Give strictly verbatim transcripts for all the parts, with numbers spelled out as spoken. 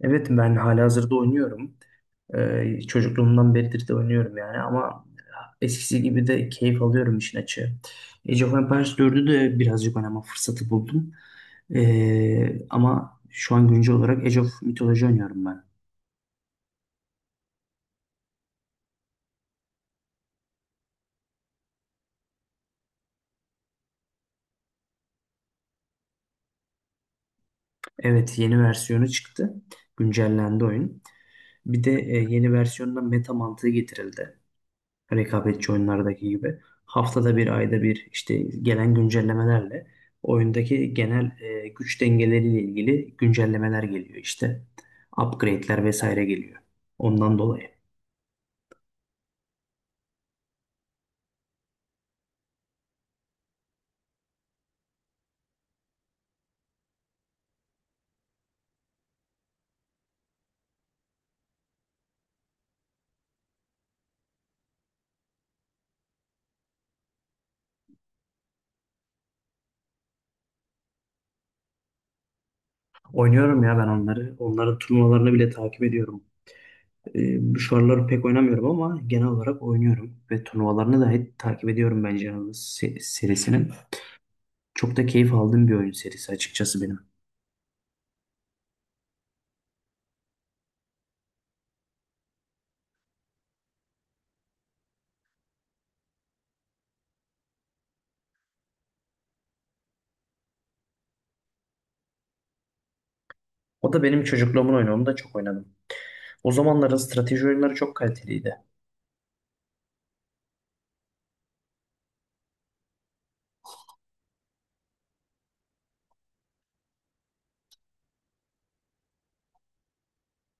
Evet ben halihazırda oynuyorum. Ee, çocukluğumdan beridir de oynuyorum yani ama eskisi gibi de keyif alıyorum işin açığı. Age of Empires dördü de birazcık oynama fırsatı buldum. Ee, ama şu an güncel olarak Age of Mythology oynuyorum ben. Evet yeni versiyonu çıktı. Güncellendi oyun. Bir de e, yeni versiyonda meta mantığı getirildi. Rekabetçi oyunlardaki gibi haftada bir ayda bir işte gelen güncellemelerle oyundaki genel e, güç dengeleriyle ilgili güncellemeler geliyor işte. Upgrade'ler vesaire geliyor. Ondan dolayı. Oynuyorum ya ben onları. Onların turnuvalarını bile takip ediyorum. E, şu aralar pek oynamıyorum ama genel olarak oynuyorum ve turnuvalarını da hep takip ediyorum bence serisinin. Çok da keyif aldığım bir oyun serisi açıkçası benim. O da benim çocukluğumun oyunu. Onu da çok oynadım. O zamanların strateji oyunları çok kaliteliydi.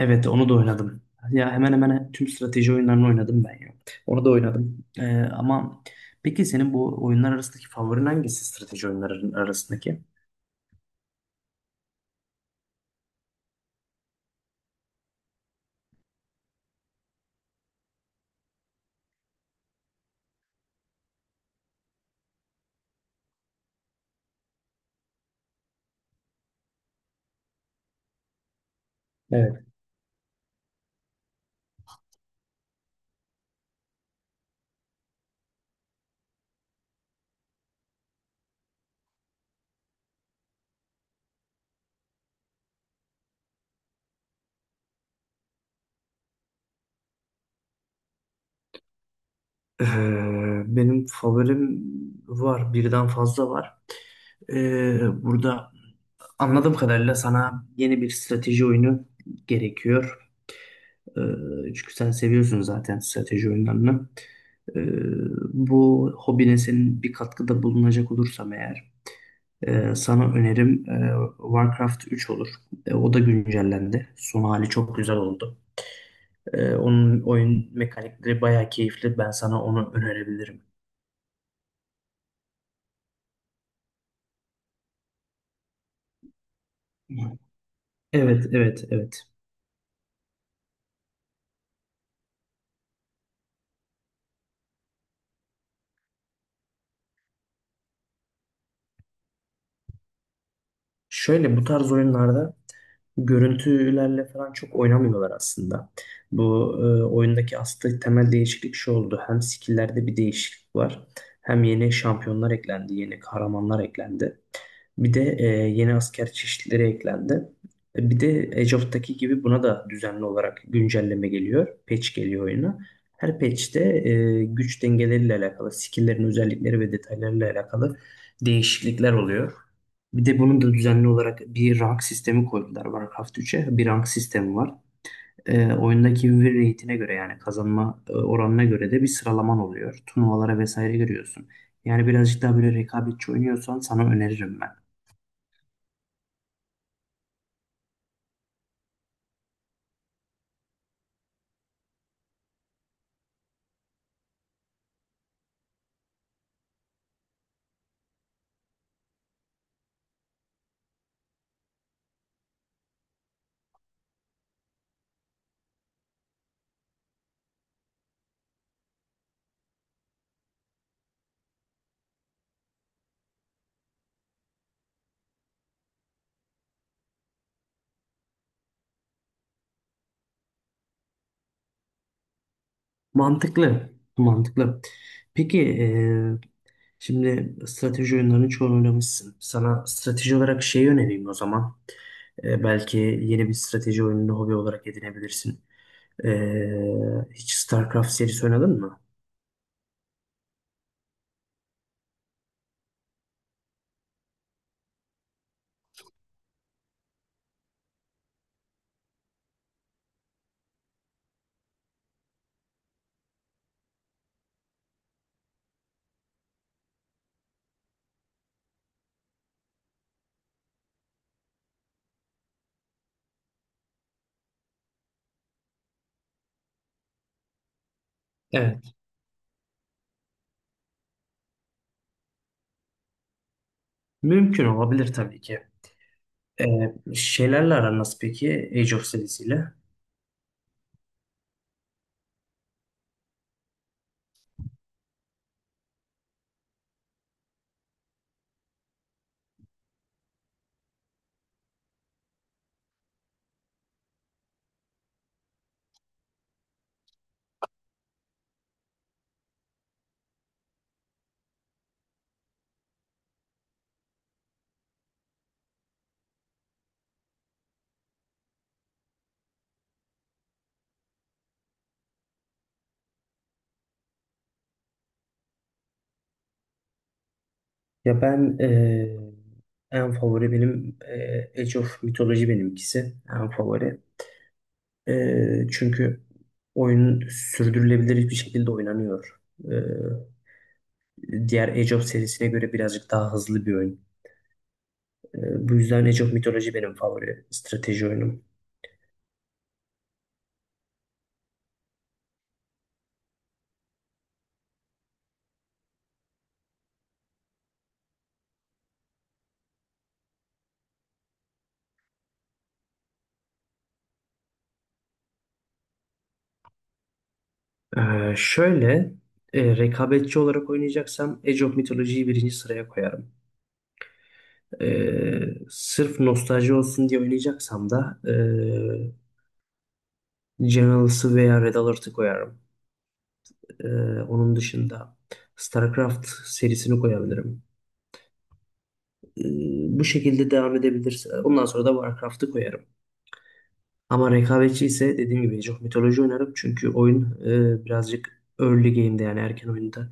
Evet, onu da oynadım. Ya hemen hemen tüm strateji oyunlarını oynadım ben ya. Onu da oynadım. Ee, ama peki senin bu oyunlar arasındaki favorin hangisi, strateji oyunlarının arasındaki? Evet. Ee, Benim favorim var. Birden fazla var. Ee, burada anladığım kadarıyla sana yeni bir strateji oyunu gerekiyor. Ee, çünkü sen seviyorsun zaten strateji oyunlarını. Ee, Bu hobine senin bir katkıda bulunacak olursam eğer e, sana önerim e, Warcraft üç olur. E, o da güncellendi. Son hali çok güzel oldu. E, onun oyun mekanikleri bayağı keyifli. Ben sana onu önerebilirim. Evet, evet, evet. Şöyle, bu tarz oyunlarda görüntülerle falan çok oynamıyorlar aslında. Bu e, oyundaki aslında temel değişiklik şu oldu. Hem skill'lerde bir değişiklik var. Hem yeni şampiyonlar eklendi, yeni kahramanlar eklendi. Bir de e, yeni asker çeşitleri eklendi. E, Bir de Age of'taki gibi buna da düzenli olarak güncelleme geliyor. Patch geliyor oyuna. Her patch'te e, güç dengeleriyle alakalı, skill'lerin özellikleri ve detaylarıyla alakalı değişiklikler oluyor. Bir de bunun da düzenli olarak bir rank sistemi koydular Warcraft üçe. Bir rank sistemi var. Ee, oyundaki win rate'ine göre yani kazanma e, oranına göre de bir sıralaman oluyor. Turnuvalara vesaire giriyorsun. Yani birazcık daha böyle rekabetçi oynuyorsan sana öneririm ben. Mantıklı. Mantıklı. Peki e, şimdi strateji oyunlarının çoğunu oynamışsın. Sana strateji olarak şey önereyim o zaman. Ee, belki yeni bir strateji oyununu hobi olarak edinebilirsin. Ee, hiç StarCraft serisi oynadın mı? Evet. Mümkün olabilir tabii ki. Ee, şeylerle aran nasıl peki Age of serisiyle? Ya ben ee, en favori benim ee, Age of Mythology benimkisi. En favori. Ee, çünkü oyun sürdürülebilir bir şekilde oynanıyor. E, Diğer Age of serisine göre birazcık daha hızlı bir oyun. Ee, bu yüzden Age of Mythology benim favori strateji oyunum. Ee, Şöyle, e, rekabetçi olarak oynayacaksam Age of Mythology'yi birinci sıraya koyarım. Ee, sırf nostalji olsun diye oynayacaksam da e, Generals'ı veya Red Alert'ı koyarım. Ee, Onun dışında StarCraft serisini koyabilirim. Ee, Bu şekilde devam edebilirsin. Ondan sonra da Warcraft'ı koyarım. Ama rekabetçi ise dediğim gibi Age of Mythology oynarım. Çünkü oyun e, birazcık early game'de yani erken oyunda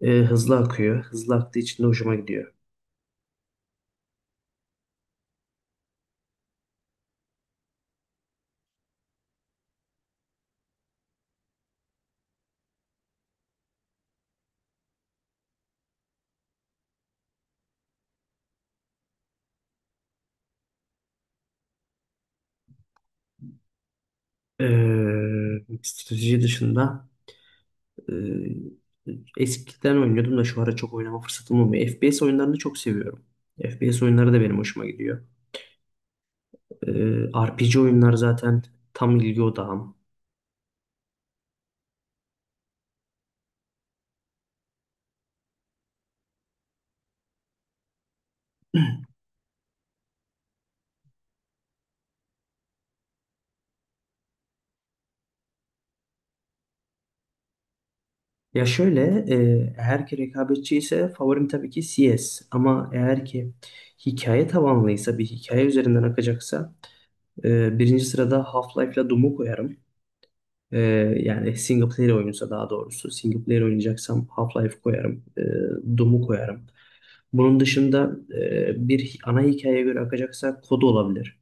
e, hızlı akıyor. Hızlı aktığı için de hoşuma gidiyor. E, Strateji dışında e, eskiden oynuyordum da şu ara çok oynama fırsatım olmuyor. F P S oyunlarını çok seviyorum. F P S oyunları da benim hoşuma gidiyor. E, R P G oyunlar zaten tam ilgi odağım. Ya şöyle, e, eğer ki rekabetçi ise favorim tabii ki C S. Ama eğer ki hikaye tabanlıysa, bir hikaye üzerinden akacaksa, e, birinci sırada Half-Life'la Doom'u koyarım. E, Yani single player oyunsa daha doğrusu. Single player oynayacaksam Half-Life koyarım. E, Doom'u koyarım. Bunun dışında e, bir hi- ana hikayeye göre akacaksa Kod olabilir.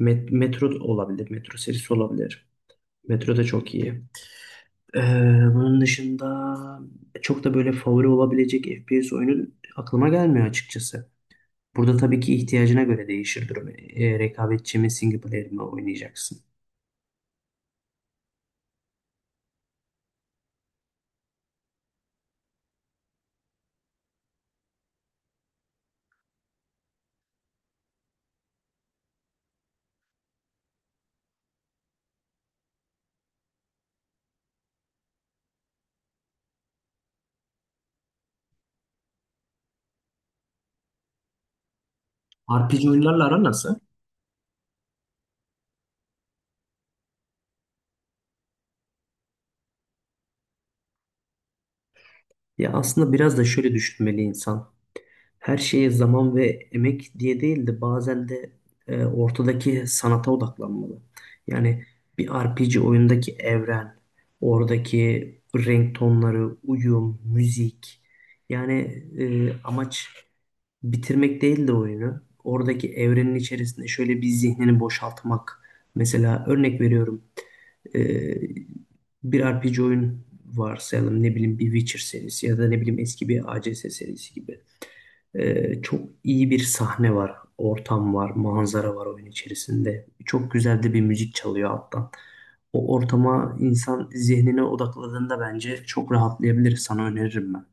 Met- Metro olabilir. Metro serisi olabilir. Metro da çok iyi. Ee, Bunun dışında çok da böyle favori olabilecek F P S oyunu aklıma gelmiyor açıkçası. Burada tabii ki ihtiyacına göre değişir durum. Ee, rekabetçi mi, single player mi oynayacaksın? R P G oyunlarla aran nasıl? Ya aslında biraz da şöyle düşünmeli insan. Her şeye zaman ve emek diye değil de bazen de e, ortadaki sanata odaklanmalı. Yani bir R P G oyundaki evren, oradaki renk tonları, uyum, müzik. Yani e, amaç bitirmek değil de oyunu. Oradaki evrenin içerisinde şöyle bir zihnini boşaltmak. Mesela örnek veriyorum. Ee, Bir R P G oyun varsayalım, ne bileyim bir Witcher serisi ya da ne bileyim eski bir A C S serisi gibi. Ee, çok iyi bir sahne var, ortam var, manzara var oyun içerisinde. Çok güzel de bir müzik çalıyor alttan. O ortama insan zihnine odakladığında bence çok rahatlayabilir. Sana öneririm ben.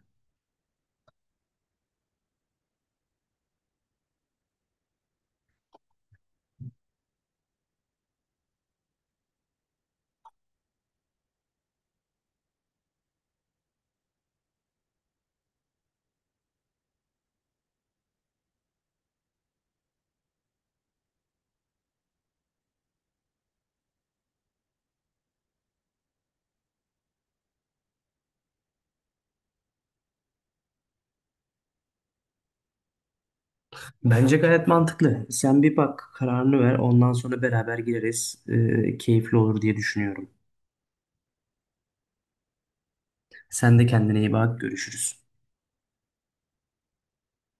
Bence gayet mantıklı. Sen bir bak, kararını ver. Ondan sonra beraber gireriz. Ee, keyifli olur diye düşünüyorum. Sen de kendine iyi bak. Görüşürüz.